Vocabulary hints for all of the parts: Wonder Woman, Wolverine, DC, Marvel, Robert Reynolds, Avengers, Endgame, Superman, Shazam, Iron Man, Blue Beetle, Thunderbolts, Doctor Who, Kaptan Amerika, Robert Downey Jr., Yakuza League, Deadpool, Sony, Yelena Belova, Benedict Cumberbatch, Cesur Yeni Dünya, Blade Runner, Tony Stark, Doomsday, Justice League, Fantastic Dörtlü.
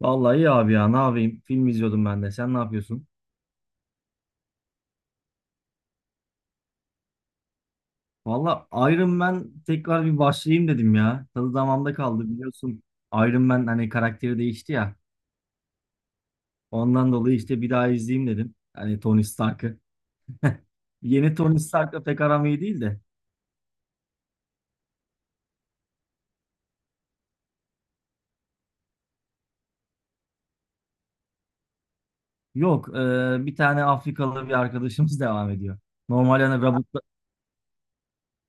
Vallahi iyi abi ya, ne yapayım? Film izliyordum ben de. Sen ne yapıyorsun? Vallahi Iron Man tekrar bir başlayayım dedim ya. Tadı damağımda kaldı biliyorsun. Iron Man hani karakteri değişti ya. Ondan dolayı işte bir daha izleyeyim dedim. Hani Tony Stark'ı. Yeni Tony Stark'la pek aram iyi değil de. Yok bir tane Afrikalı bir arkadaşımız devam ediyor. Normalde hani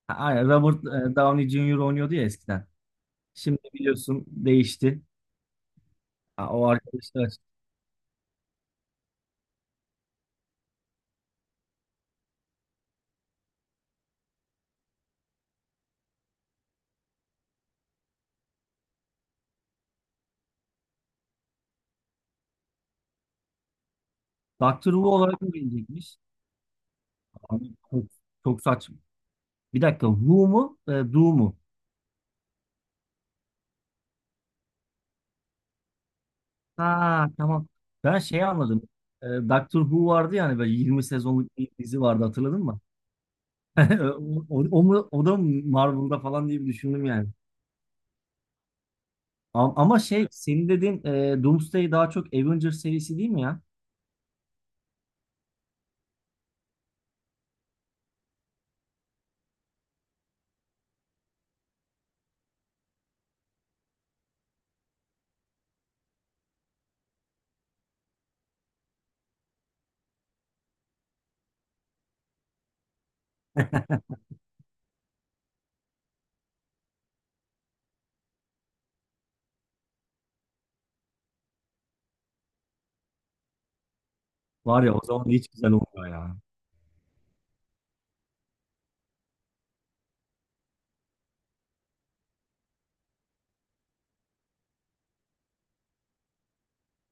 aynen Robert Downey Jr. oynuyordu ya eskiden. Şimdi biliyorsun değişti. Ha, o arkadaşlar. Doctor Who olarak mı bilinecekmiş? Abi, çok, çok saçma. Bir dakika. Who mu? Do mu? Ha, tamam. Ben şey anladım. Doctor Who vardı yani, böyle 20 sezonluk bir dizi vardı, hatırladın mı? O da mı Marvel'da falan diye bir düşündüm yani. Ama şey senin dediğin Doomsday daha çok Avengers serisi değil mi ya? Var ya, o zaman hiç güzel olmuyor ya.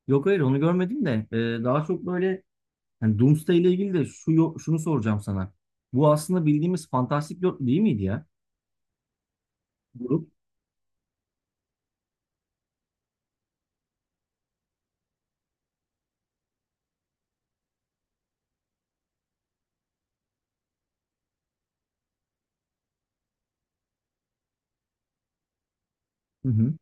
Yok, hayır, onu görmedim de daha çok böyle hani Doomsday ile ilgili de şunu soracağım sana. Bu aslında bildiğimiz fantastik dörtlü değil miydi ya? Grup. Hı hı.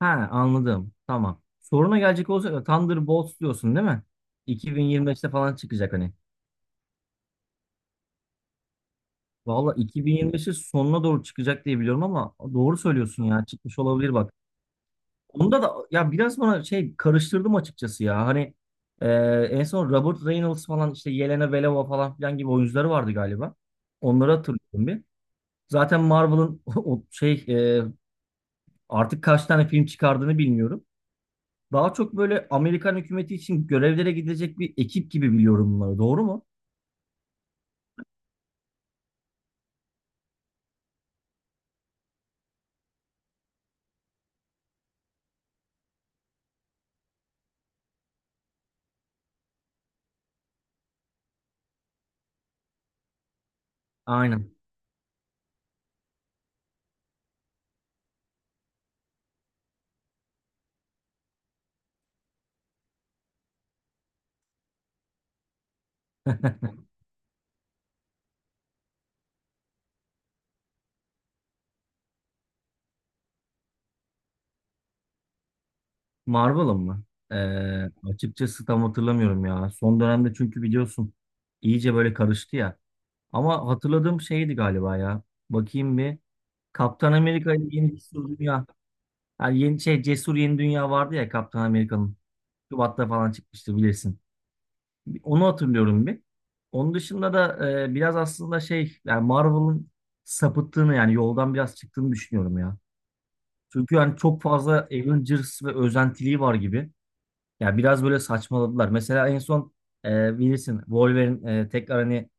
Ha, anladım. Tamam. Soruna gelecek olursak Thunderbolts diyorsun değil mi? 2025'te falan çıkacak hani. Valla 2025'in sonuna doğru çıkacak diye biliyorum ama doğru söylüyorsun ya, çıkmış olabilir bak. Onda da ya biraz bana şey karıştırdım açıkçası ya. Hani e, en son Robert Reynolds falan, işte Yelena Belova falan filan gibi oyuncuları vardı galiba. Onları hatırlıyorum bir. Zaten Marvel'ın o şey artık kaç tane film çıkardığını bilmiyorum. Daha çok böyle Amerikan hükümeti için görevlere gidecek bir ekip gibi biliyorum bunları. Doğru mu? Aynen. Marvel'ın mı? Ee, açıkçası tam hatırlamıyorum ya. Son dönemde çünkü biliyorsun iyice böyle karıştı ya. Ama hatırladığım şeydi galiba ya. Bakayım bir. Kaptan Amerika ile Yeni Cesur Dünya. Yani yeni şey, Cesur Yeni Dünya vardı ya, Kaptan Amerika'nın. Şubat'ta falan çıkmıştı bilirsin. Onu hatırlıyorum bir. Onun dışında da biraz aslında şey, yani Marvel'ın sapıttığını, yani yoldan biraz çıktığını düşünüyorum ya. Çünkü yani çok fazla Avengers ve özentiliği var gibi. Ya biraz böyle saçmaladılar. Mesela en son bilirsin Wolverine tekrar hani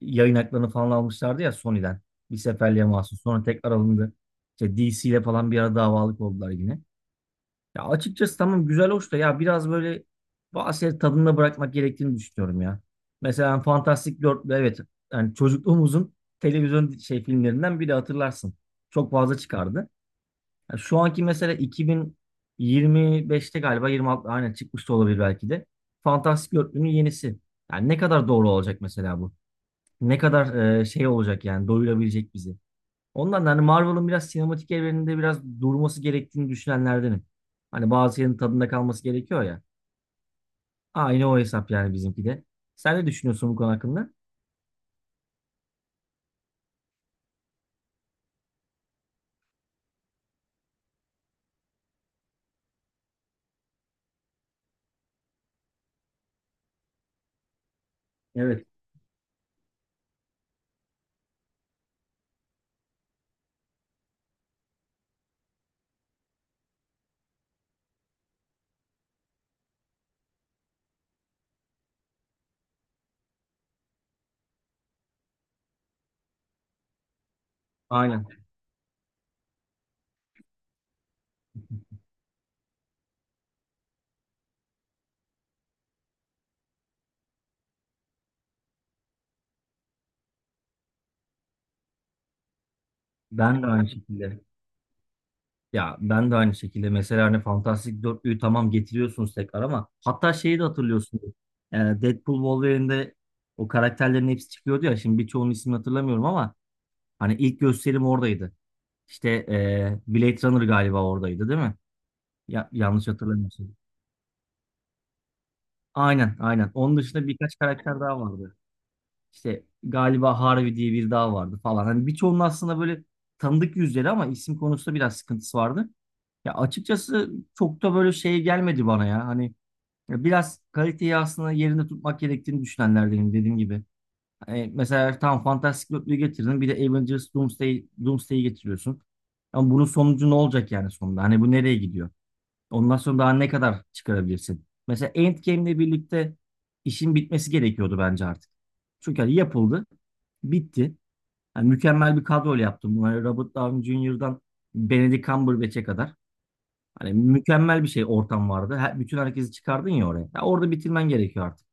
yayın haklarını falan almışlardı ya Sony'den. Bir seferliğe mahsus. Sonra tekrar alındı. İşte DC ile falan bir ara davalık oldular yine. Ya açıkçası tamam, güzel hoş da ya biraz böyle bazı şeyleri tadında bırakmak gerektiğini düşünüyorum ya. Mesela Fantastic Dörtlü, evet, yani çocukluğumuzun televizyon şey filmlerinden biri, hatırlarsın. Çok fazla çıkardı. Yani şu anki mesela 2025'te galiba, 26 aynen, çıkmış da olabilir belki de. Fantastic Dörtlü'nün yenisi. Yani ne kadar doğru olacak mesela bu? Ne kadar şey olacak, yani doyurabilecek bizi? Ondan da hani Marvel'ın biraz sinematik evreninde biraz durması gerektiğini düşünenlerdenim. Hani bazı yerin tadında kalması gerekiyor ya. Aynı o hesap yani, bizimki de. Sen ne düşünüyorsun bu konu hakkında? Evet. Aynen. Ben de aynı şekilde. Ya ben de aynı şekilde. Mesela hani Fantastic Dörtlüğü tamam, getiriyorsunuz tekrar ama hatta şeyi de hatırlıyorsunuz. Deadpool Wolverine'de o karakterlerin hepsi çıkıyordu ya. Şimdi birçoğunun ismini hatırlamıyorum ama hani ilk gösterim oradaydı. İşte Blade Runner galiba oradaydı değil mi? Ya, yanlış hatırlamıyorsun. Aynen, aynen. Onun dışında birkaç karakter daha vardı. İşte galiba Harvey diye biri daha vardı falan. Hani birçoğunun aslında böyle tanıdık yüzleri ama isim konusunda biraz sıkıntısı vardı. Ya açıkçası çok da böyle şey gelmedi bana ya. Hani ya biraz kaliteyi aslında yerinde tutmak gerektiğini düşünenlerdenim, dediğim gibi. Hani mesela tam Fantastic Dörtlüğü getirdin. Bir de Avengers Doomsday, Doomsday'i getiriyorsun. Ama bunun sonucu ne olacak yani sonunda? Hani bu nereye gidiyor? Ondan sonra daha ne kadar çıkarabilirsin? Mesela Endgame'le birlikte işin bitmesi gerekiyordu bence artık. Çünkü hani yapıldı, bitti. Yani mükemmel bir kadroyla yaptım bunları, Robert Downey Jr.'dan Benedict Cumberbatch'e kadar. Hani mükemmel bir şey ortam vardı. Her, bütün herkesi çıkardın ya oraya. Ya orada bitirmen gerekiyor artık.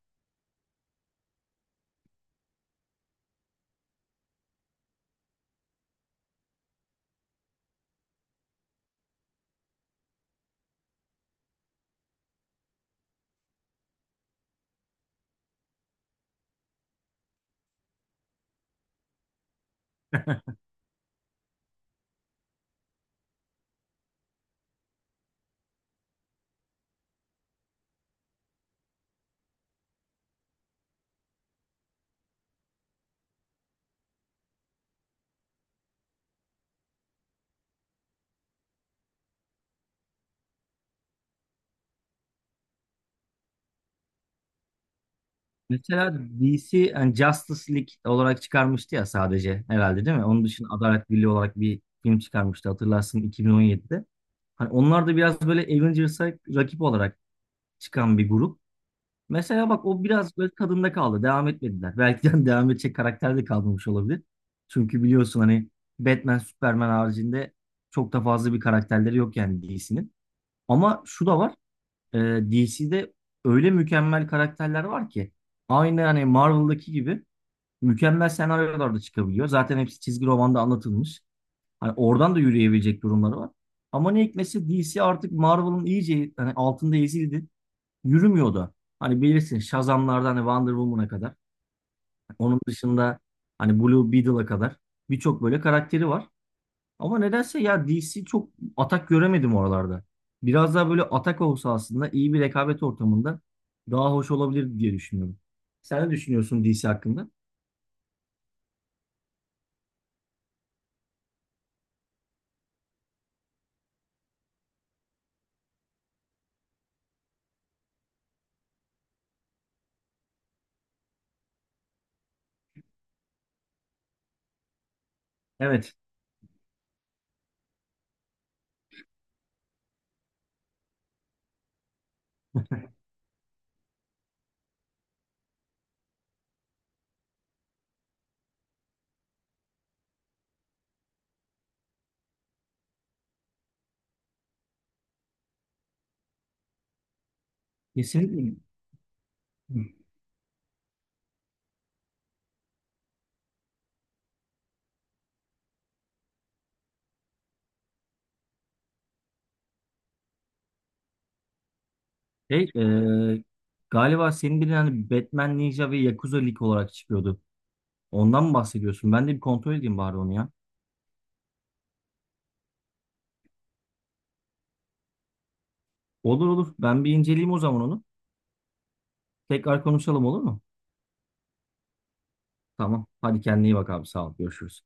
Mesela DC yani Justice League olarak çıkarmıştı ya sadece, herhalde değil mi? Onun dışında Adalet Birliği olarak bir film çıkarmıştı, hatırlarsın, 2017'de. Hani onlar da biraz böyle Avengers'a rakip olarak çıkan bir grup. Mesela bak, o biraz böyle tadında kaldı. Devam etmediler. Belki de devam edecek karakter de kalmamış olabilir. Çünkü biliyorsun hani Batman, Superman haricinde çok da fazla bir karakterleri yok yani DC'nin. Ama şu da var. DC'de öyle mükemmel karakterler var ki aynı hani Marvel'daki gibi mükemmel senaryolarda çıkabiliyor. Zaten hepsi çizgi romanda anlatılmış. Hani oradan da yürüyebilecek durumları var. Ama ne hikmetse DC artık Marvel'ın iyice hani altında ezildi, yürümüyor da. Hani bilirsin Shazam'lardan hani Wonder Woman'a kadar. Onun dışında hani Blue Beetle'a kadar birçok böyle karakteri var. Ama nedense ya DC çok atak göremedim oralarda. Biraz daha böyle atak olsa aslında iyi bir rekabet ortamında daha hoş olabilir diye düşünüyorum. Sen ne düşünüyorsun DC hakkında? Evet. Kesinlikle. Şey, galiba senin bir hani Batman Ninja ve Yakuza League olarak çıkıyordu. Ondan mı bahsediyorsun? Ben de bir kontrol edeyim bari onu ya. Olur olur. Ben bir inceleyeyim o zaman onu. Tekrar konuşalım, olur mu? Tamam. Hadi kendine iyi bak abi. Sağ ol. Görüşürüz.